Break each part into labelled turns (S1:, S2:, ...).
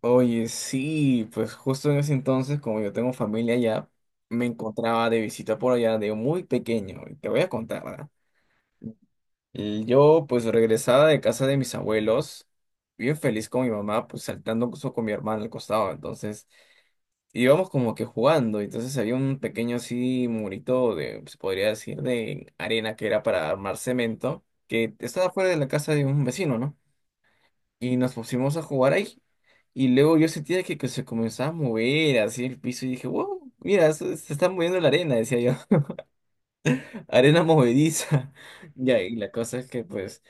S1: Oye, sí, pues justo en ese entonces, como yo tengo familia allá, me encontraba de visita por allá de muy pequeño. Y te voy a contar, ¿verdad? Y yo, pues, regresaba de casa de mis abuelos, bien feliz con mi mamá, pues, saltando incluso con mi hermana al costado. Entonces, íbamos como que jugando. Entonces, había un pequeño así murito de, se podría decir, de arena que era para armar cemento, que estaba fuera de la casa de un vecino, ¿no? Y nos pusimos a jugar ahí. Y luego yo sentía que se comenzaba a mover así el piso y dije, wow, mira, se está moviendo la arena, decía yo, arena movediza. Ya, y la cosa es que pues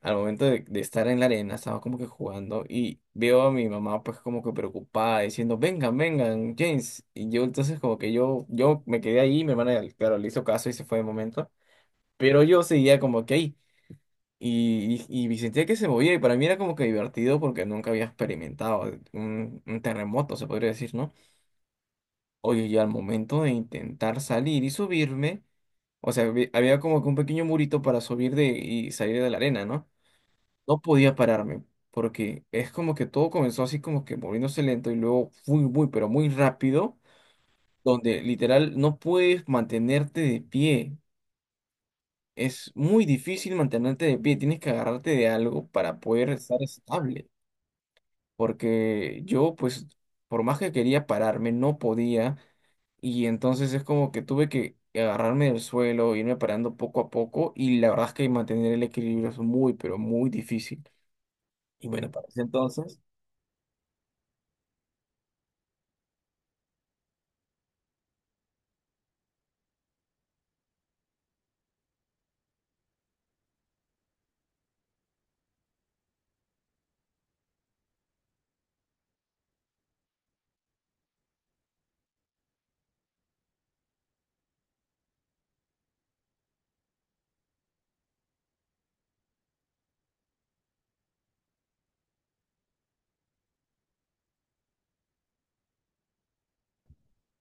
S1: al momento de estar en la arena estaba como que jugando y veo a mi mamá pues como que preocupada diciendo, vengan, vengan, James. Y yo entonces como que yo me quedé ahí, mi hermana claro, le hizo caso y se fue de momento, pero yo seguía como que ahí. Y sentía que se movía y para mí era como que divertido porque nunca había experimentado un terremoto, se podría decir, ¿no? Oye, y al momento de intentar salir y subirme, o sea, había como que un pequeño murito para subir de, y salir de la arena, ¿no? No podía pararme porque es como que todo comenzó así como que moviéndose lento y luego muy, muy, pero muy rápido, donde literal no puedes mantenerte de pie. Es muy difícil mantenerte de pie, tienes que agarrarte de algo para poder estar estable. Porque yo pues por más que quería pararme no podía y entonces es como que tuve que agarrarme del suelo, irme parando poco a poco y la verdad es que mantener el equilibrio es muy pero muy difícil. Y bueno, para ese entonces,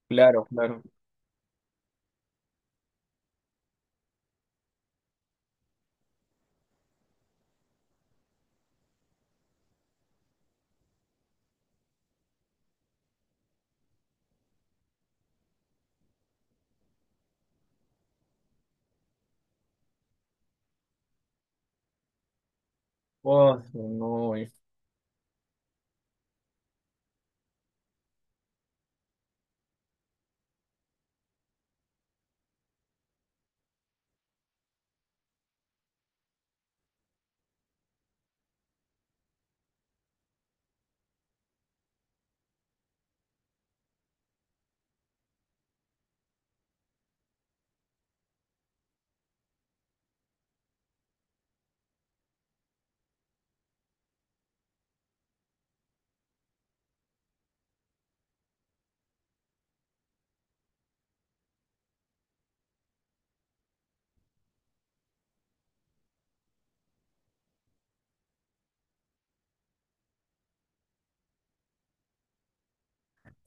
S1: claro, claro. Oh, no.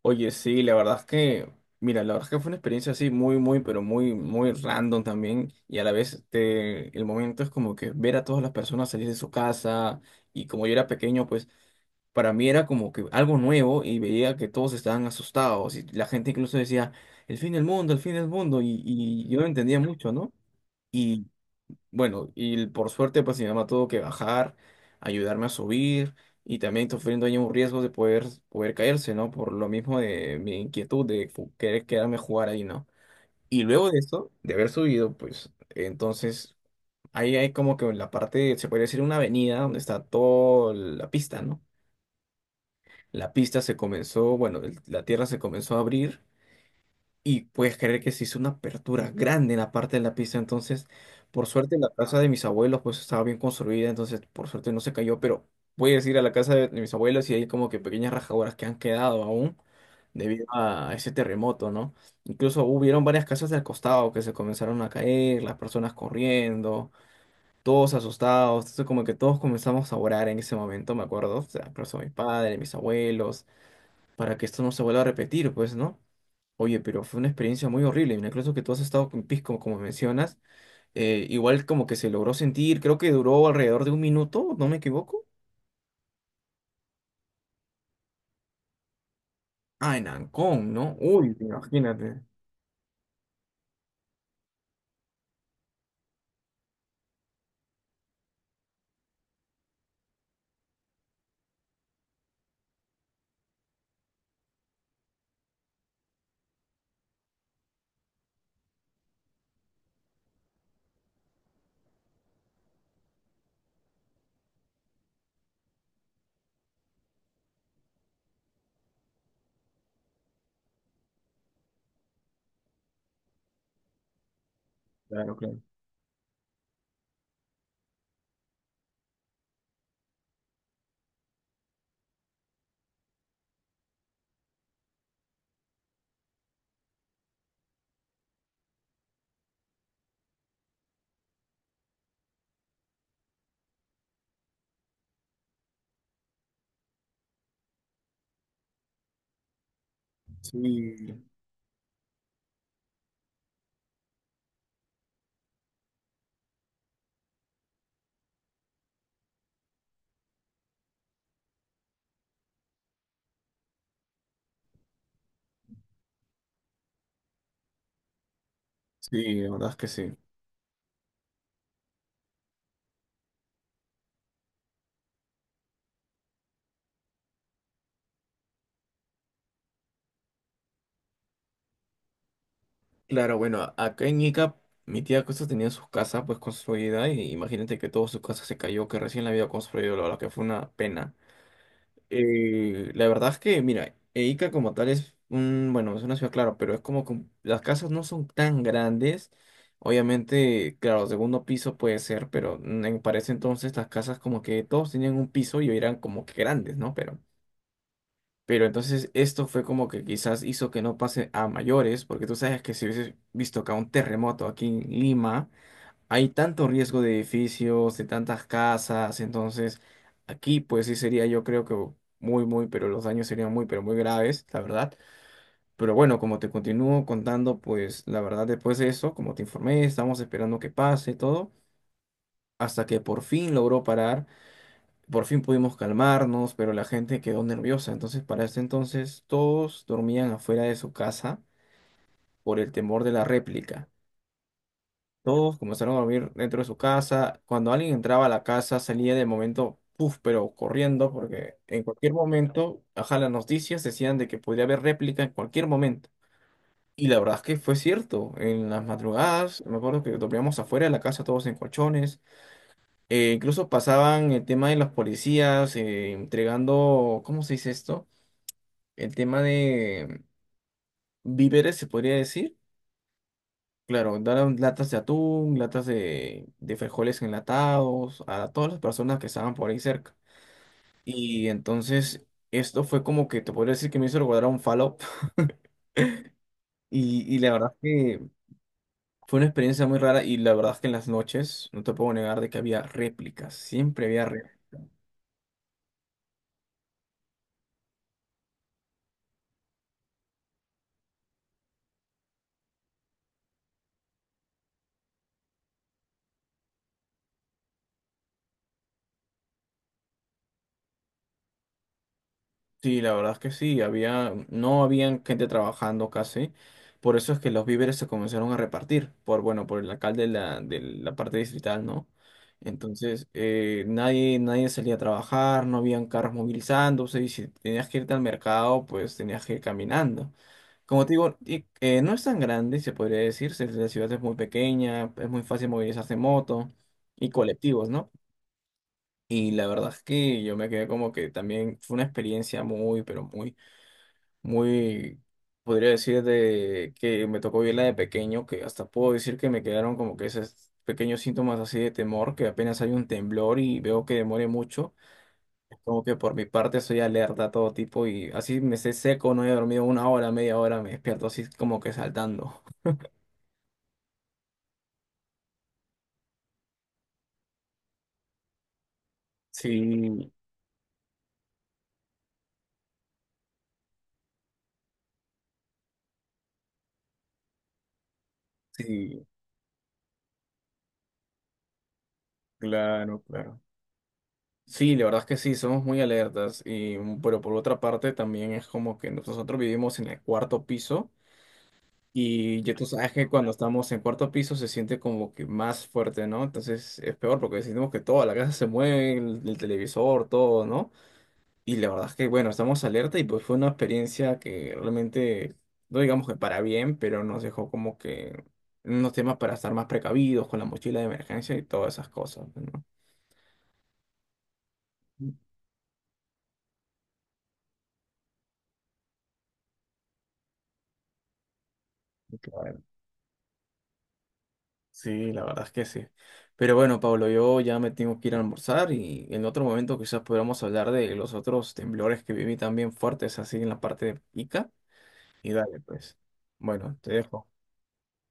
S1: Oye, sí, la verdad es que, mira, la verdad es que fue una experiencia así muy, muy, pero muy, muy random también. Y a la vez, este, el momento es como que ver a todas las personas salir de su casa. Y como yo era pequeño, pues para mí era como que algo nuevo y veía que todos estaban asustados. Y la gente incluso decía, el fin del mundo, el fin del mundo. Y yo no entendía mucho, ¿no? Bueno, y por suerte, pues mi mamá tuvo que bajar, ayudarme a subir y también sufriendo ahí un riesgo de poder caerse, ¿no? Por lo mismo de mi inquietud de querer quedarme a jugar ahí, ¿no? Y luego de eso, de haber subido, pues entonces ahí hay como que la parte, se podría decir una avenida donde está toda la pista, ¿no? La pista se comenzó, bueno, la tierra se comenzó a abrir y puedes creer que se hizo una apertura grande en la parte de la pista. Entonces, por suerte, la casa de mis abuelos pues estaba bien construida. Entonces, por suerte no se cayó. Pero puedes ir a la casa de mis abuelos y hay como que pequeñas rajaduras que han quedado aún debido a ese terremoto, ¿no? Incluso hubieron varias casas del costado que se comenzaron a caer, las personas corriendo, todos asustados. Entonces, como que todos comenzamos a orar en ese momento, me acuerdo. O sea, por eso mis padres, mis abuelos, para que esto no se vuelva a repetir, pues, ¿no? Oye, pero fue una experiencia muy horrible. Incluso que tú has estado con Pisco, como mencionas, igual como que se logró sentir, creo que duró alrededor de un minuto, ¿no me equivoco? Ah, en Ancón, ¿no? Uy, imagínate. Claro, claro. Sí, sí, la verdad es que sí. Claro, bueno, acá en Ica, mi tía Costa tenía su casa pues construida y imagínate que toda su casa se cayó, que recién la había construido, la verdad que fue una pena. La verdad es que, mira, e Ica como tal es un, bueno, es una ciudad, claro, pero es como que las casas no son tan grandes. Obviamente, claro, segundo piso puede ser, pero para ese entonces las casas como que todos tenían un piso y eran como que grandes, ¿no? Pero entonces esto fue como que quizás hizo que no pase a mayores, porque tú sabes que si hubiese visto acá un terremoto aquí en Lima, hay tanto riesgo de edificios, de tantas casas, entonces aquí pues sí sería yo creo que muy, muy, pero los daños serían muy, pero muy graves, la verdad. Pero bueno, como te continúo contando, pues la verdad después de eso, como te informé, estamos esperando que pase todo, hasta que por fin logró parar, por fin pudimos calmarnos, pero la gente quedó nerviosa, entonces para ese entonces todos dormían afuera de su casa por el temor de la réplica. Todos comenzaron a dormir dentro de su casa. Cuando alguien entraba a la casa, salía de momento, puff, pero corriendo, porque en cualquier momento, ajá, las noticias decían de que podía haber réplica en cualquier momento. Y la verdad es que fue cierto. En las madrugadas, me acuerdo que dormíamos afuera de la casa todos en colchones. Incluso pasaban el tema de los policías entregando, ¿cómo se dice esto? El tema de víveres, se podría decir. Claro, daban latas de atún, latas de frijoles enlatados, a todas las personas que estaban por ahí cerca. Y entonces esto fue como que te podría decir que me hizo recordar a un Fallout. Y, y la verdad es que fue una experiencia muy rara y la verdad es que en las noches, no te puedo negar de que había réplicas, siempre había réplicas. Sí, la verdad es que sí, había, no habían gente trabajando casi, por eso es que los víveres se comenzaron a repartir, por, bueno, por el alcalde de la parte distrital, ¿no? Entonces, nadie, nadie salía a trabajar, no habían carros movilizándose, y si tenías que irte al mercado, pues tenías que ir caminando. Como te digo, no es tan grande, se podría decir, se- la ciudad es muy pequeña, es muy fácil movilizarse en moto y colectivos, ¿no? Y la verdad es que yo me quedé como que también fue una experiencia muy, pero muy muy, podría decir, de que me tocó vivirla de pequeño, que hasta puedo decir que me quedaron como que esos pequeños síntomas así de temor, que apenas hay un temblor y veo que demore mucho, como que por mi parte soy alerta a todo tipo y así me esté seco, no he dormido una hora, media hora, me despierto así como que saltando. Sí, sí, claro, claro. Sí, la verdad es que sí, somos muy alertas, y, pero por otra parte también es como que nosotros vivimos en el cuarto piso. Y ya tú sabes que cuando estamos en cuarto piso se siente como que más fuerte, ¿no? Entonces es peor porque sentimos que toda la casa se mueve, el televisor, todo, ¿no? Y la verdad es que, bueno, estamos alerta y pues fue una experiencia que realmente, no digamos que para bien, pero nos dejó como que unos temas para estar más precavidos con la mochila de emergencia y todas esas cosas, ¿no? Claro. Sí, la verdad es que sí. Pero bueno, Pablo, yo ya me tengo que ir a almorzar y en otro momento quizás podamos hablar de los otros temblores que viví también fuertes así en la parte de Ica. Y dale, pues. Bueno, te dejo.